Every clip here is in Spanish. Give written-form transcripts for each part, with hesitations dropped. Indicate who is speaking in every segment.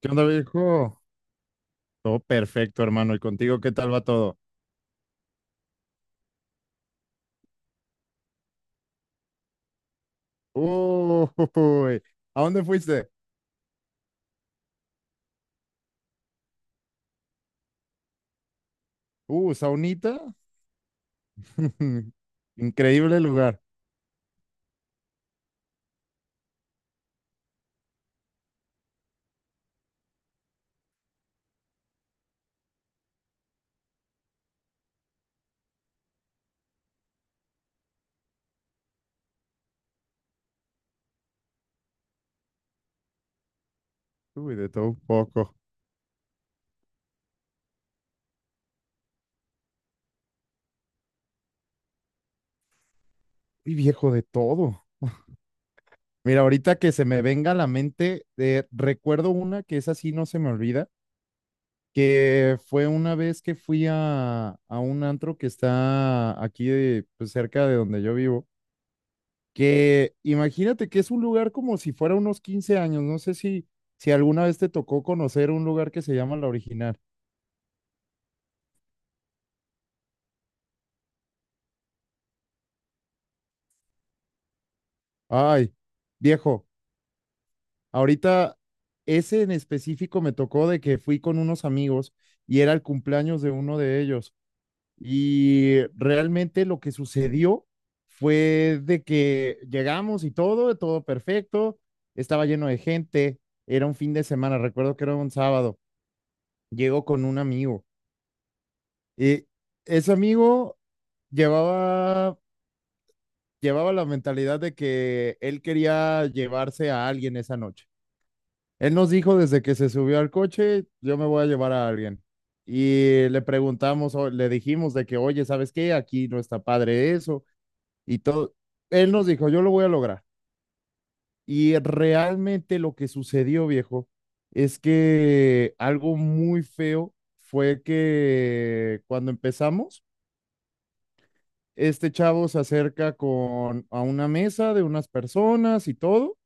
Speaker 1: ¿Qué onda, viejo? Todo perfecto, hermano. ¿Y contigo qué tal va todo? Uy, ¿a dónde fuiste? Saunita. Increíble lugar. Uy, de todo un poco. Uy, viejo, de todo. Mira, ahorita que se me venga a la mente, recuerdo una que es así, no se me olvida, que fue una vez que fui a un antro que está aquí, pues, cerca de donde yo vivo. Que imagínate que es un lugar como si fuera unos 15 años, no sé si, si alguna vez te tocó conocer un lugar que se llama La Original. Ay, viejo, ahorita ese en específico me tocó de que fui con unos amigos y era el cumpleaños de uno de ellos. Y realmente lo que sucedió fue de que llegamos y todo, todo perfecto, estaba lleno de gente, era un fin de semana, recuerdo que era un sábado, llego con un amigo. Y ese amigo llevaba, llevaba la mentalidad de que él quería llevarse a alguien esa noche. Él nos dijo desde que se subió al coche, yo me voy a llevar a alguien. Y le preguntamos, o le dijimos de que, oye, ¿sabes qué? Aquí no está padre eso y todo. Él nos dijo, yo lo voy a lograr. Y realmente lo que sucedió, viejo, es que algo muy feo fue que cuando empezamos, este chavo se acerca con a una mesa de unas personas y todo,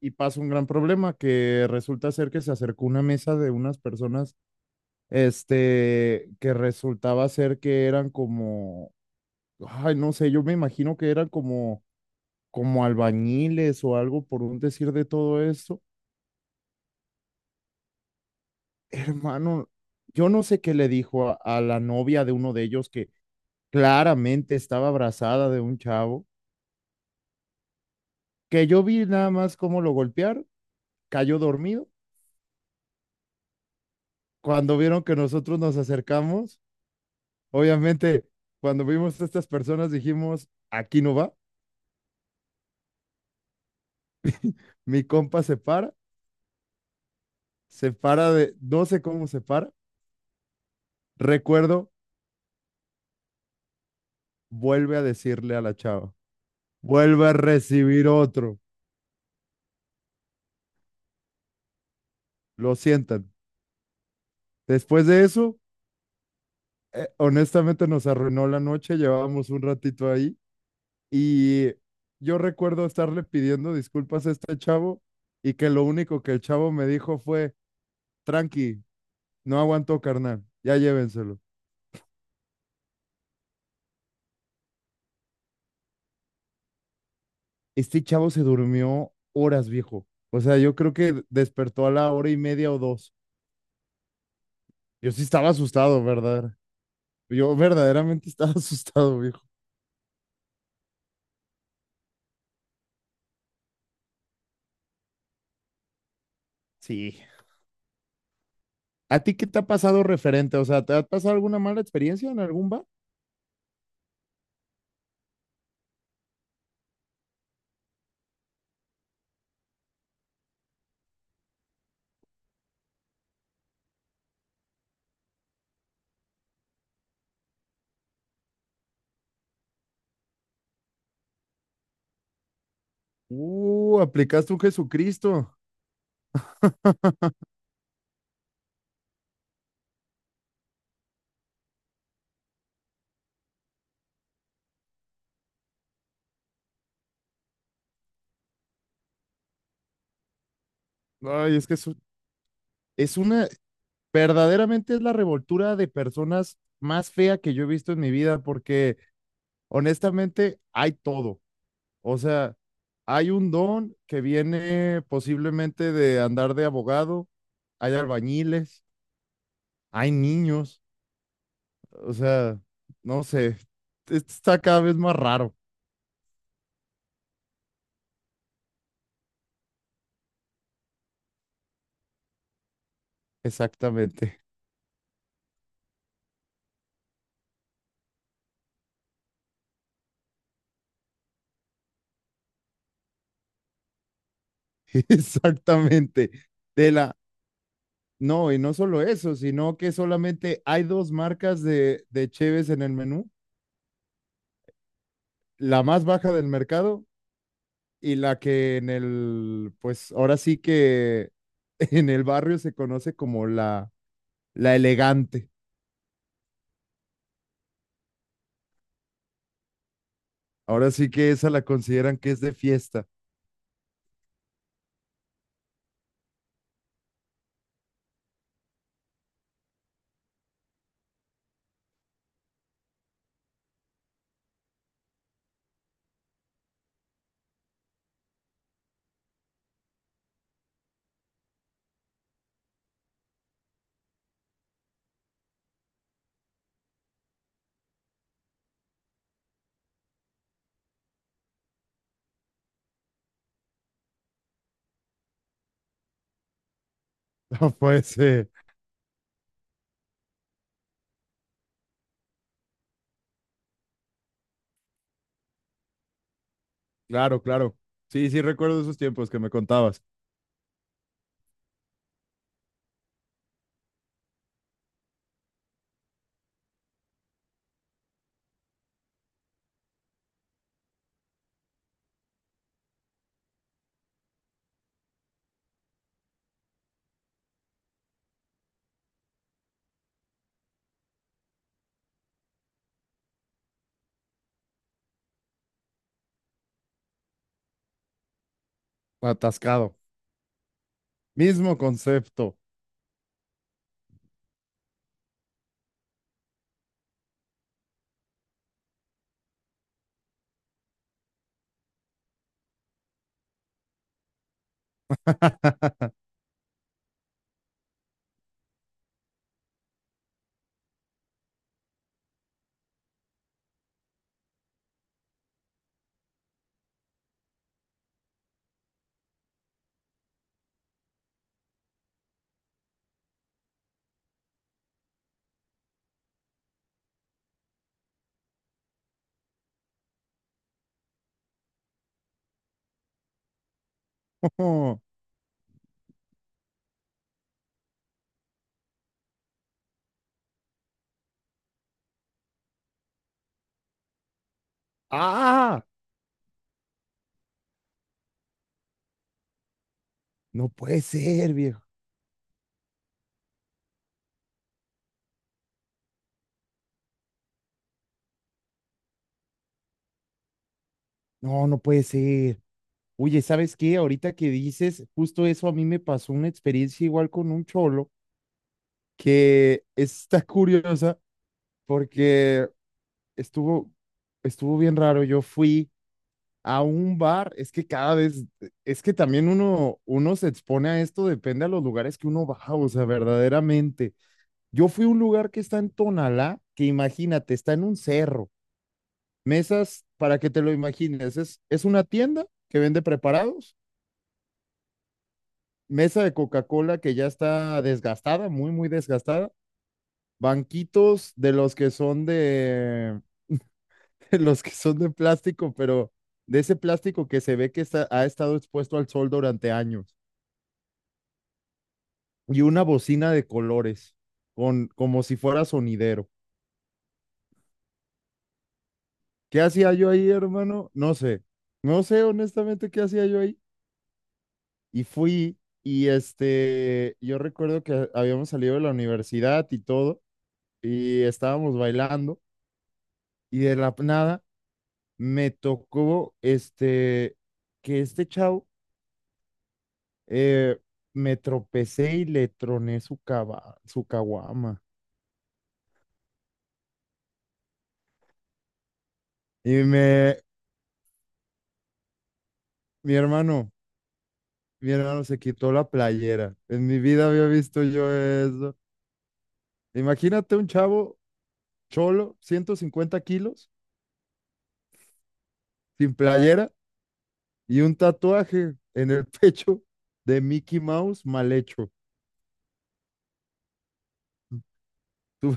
Speaker 1: y pasa un gran problema que resulta ser que se acercó una mesa de unas personas, que resultaba ser que eran como, ay, no sé, yo me imagino que eran como, como albañiles o algo por un decir de todo esto. Hermano, yo no sé qué le dijo a la novia de uno de ellos que claramente estaba abrazada de un chavo, que yo vi nada más cómo lo golpearon, cayó dormido cuando vieron que nosotros nos acercamos. Obviamente, cuando vimos a estas personas dijimos, aquí no va, mi compa se para, no sé cómo se para, recuerdo, vuelve a decirle a la chava, vuelve a recibir otro, lo sientan. Después de eso, honestamente nos arruinó la noche, llevábamos un ratito ahí y yo recuerdo estarle pidiendo disculpas a este chavo, y que lo único que el chavo me dijo fue, tranqui, no aguantó, carnal. Ya llévenselo. Este chavo se durmió horas, viejo. O sea, yo creo que despertó a la hora y media o dos. Yo sí estaba asustado, ¿verdad? Yo verdaderamente estaba asustado, viejo. Sí. ¿A ti qué te ha pasado referente? O sea, ¿te ha pasado alguna mala experiencia en algún bar? Aplicaste un Jesucristo. Ay, es que es una, verdaderamente es la revoltura de personas más fea que yo he visto en mi vida, porque honestamente hay todo. O sea, hay un don que viene posiblemente de andar de abogado, hay albañiles, hay niños, o sea, no sé, esto está cada vez más raro. Exactamente, exactamente. De la, no, y no solo eso, sino que solamente hay dos marcas de cheves en el menú, la más baja del mercado y la que en el, pues ahora sí que en el barrio se conoce como la elegante. Ahora sí que esa la consideran que es de fiesta. No puede ser. Claro, claro. Sí, sí, recuerdo esos tiempos que me contabas. Atascado. Mismo concepto. ¡Ah! No puede ser, viejo. No, no puede ser. Oye, ¿sabes qué? Ahorita que dices, justo eso a mí me pasó una experiencia igual con un cholo que está curiosa porque estuvo, estuvo bien raro. Yo fui a un bar, es que también uno se expone a esto, depende a los lugares que uno va, o sea, verdaderamente. Yo fui a un lugar que está en Tonalá, que imagínate, está en un cerro, mesas, para que te lo imagines, es una tienda que vende preparados, mesa de Coca-Cola que ya está desgastada, muy, muy desgastada, banquitos de los que son de, de los que son de plástico, pero de ese plástico que se ve que está, ha estado expuesto al sol durante años, y una bocina de colores, con, como si fuera sonidero. ¿Qué hacía yo ahí, hermano? No sé. No sé honestamente qué hacía yo ahí. Y fui y yo recuerdo que habíamos salido de la universidad y todo, y estábamos bailando, y de la nada me tocó que este chavo eh, me tropecé y le troné su caguama. Y me, mi hermano, mi hermano se quitó la playera. En mi vida había visto yo eso. Imagínate un chavo cholo, 150 kilos, sin playera y un tatuaje en el pecho de Mickey Mouse mal hecho. Tú-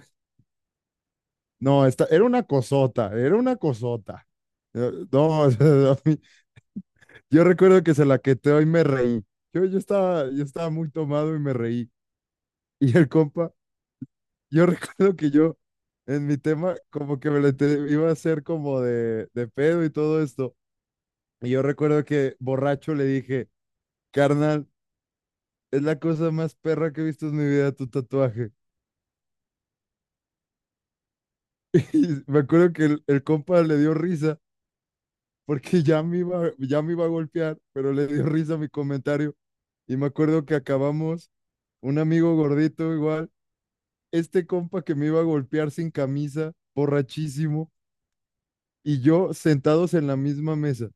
Speaker 1: no, esta, era una cosota, era una cosota. No, yo recuerdo que se la queteó y me reí. Yo estaba muy tomado y me reí. Y el compa. Yo recuerdo que yo, en mi tema, como que iba a hacer como de pedo y todo esto. Y yo recuerdo que borracho le dije, carnal, es la cosa más perra que he visto en mi vida, tu tatuaje. Y me acuerdo que el compa le dio risa porque ya me iba a golpear, pero le dio risa a mi comentario. Y me acuerdo que acabamos, un amigo gordito igual, este compa que me iba a golpear sin camisa, borrachísimo, y yo sentados en la misma mesa.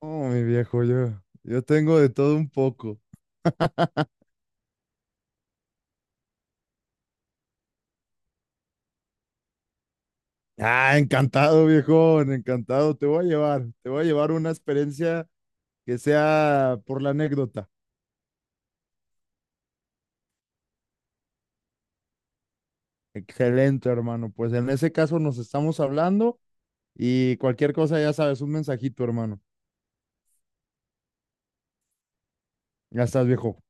Speaker 1: Oh, mi viejo, yo tengo de todo un poco. Ah, encantado, viejón, encantado. Te voy a llevar una experiencia que sea por la anécdota. Excelente, hermano. Pues en ese caso nos estamos hablando y cualquier cosa, ya sabes, un mensajito, hermano. Ya estás, viejo.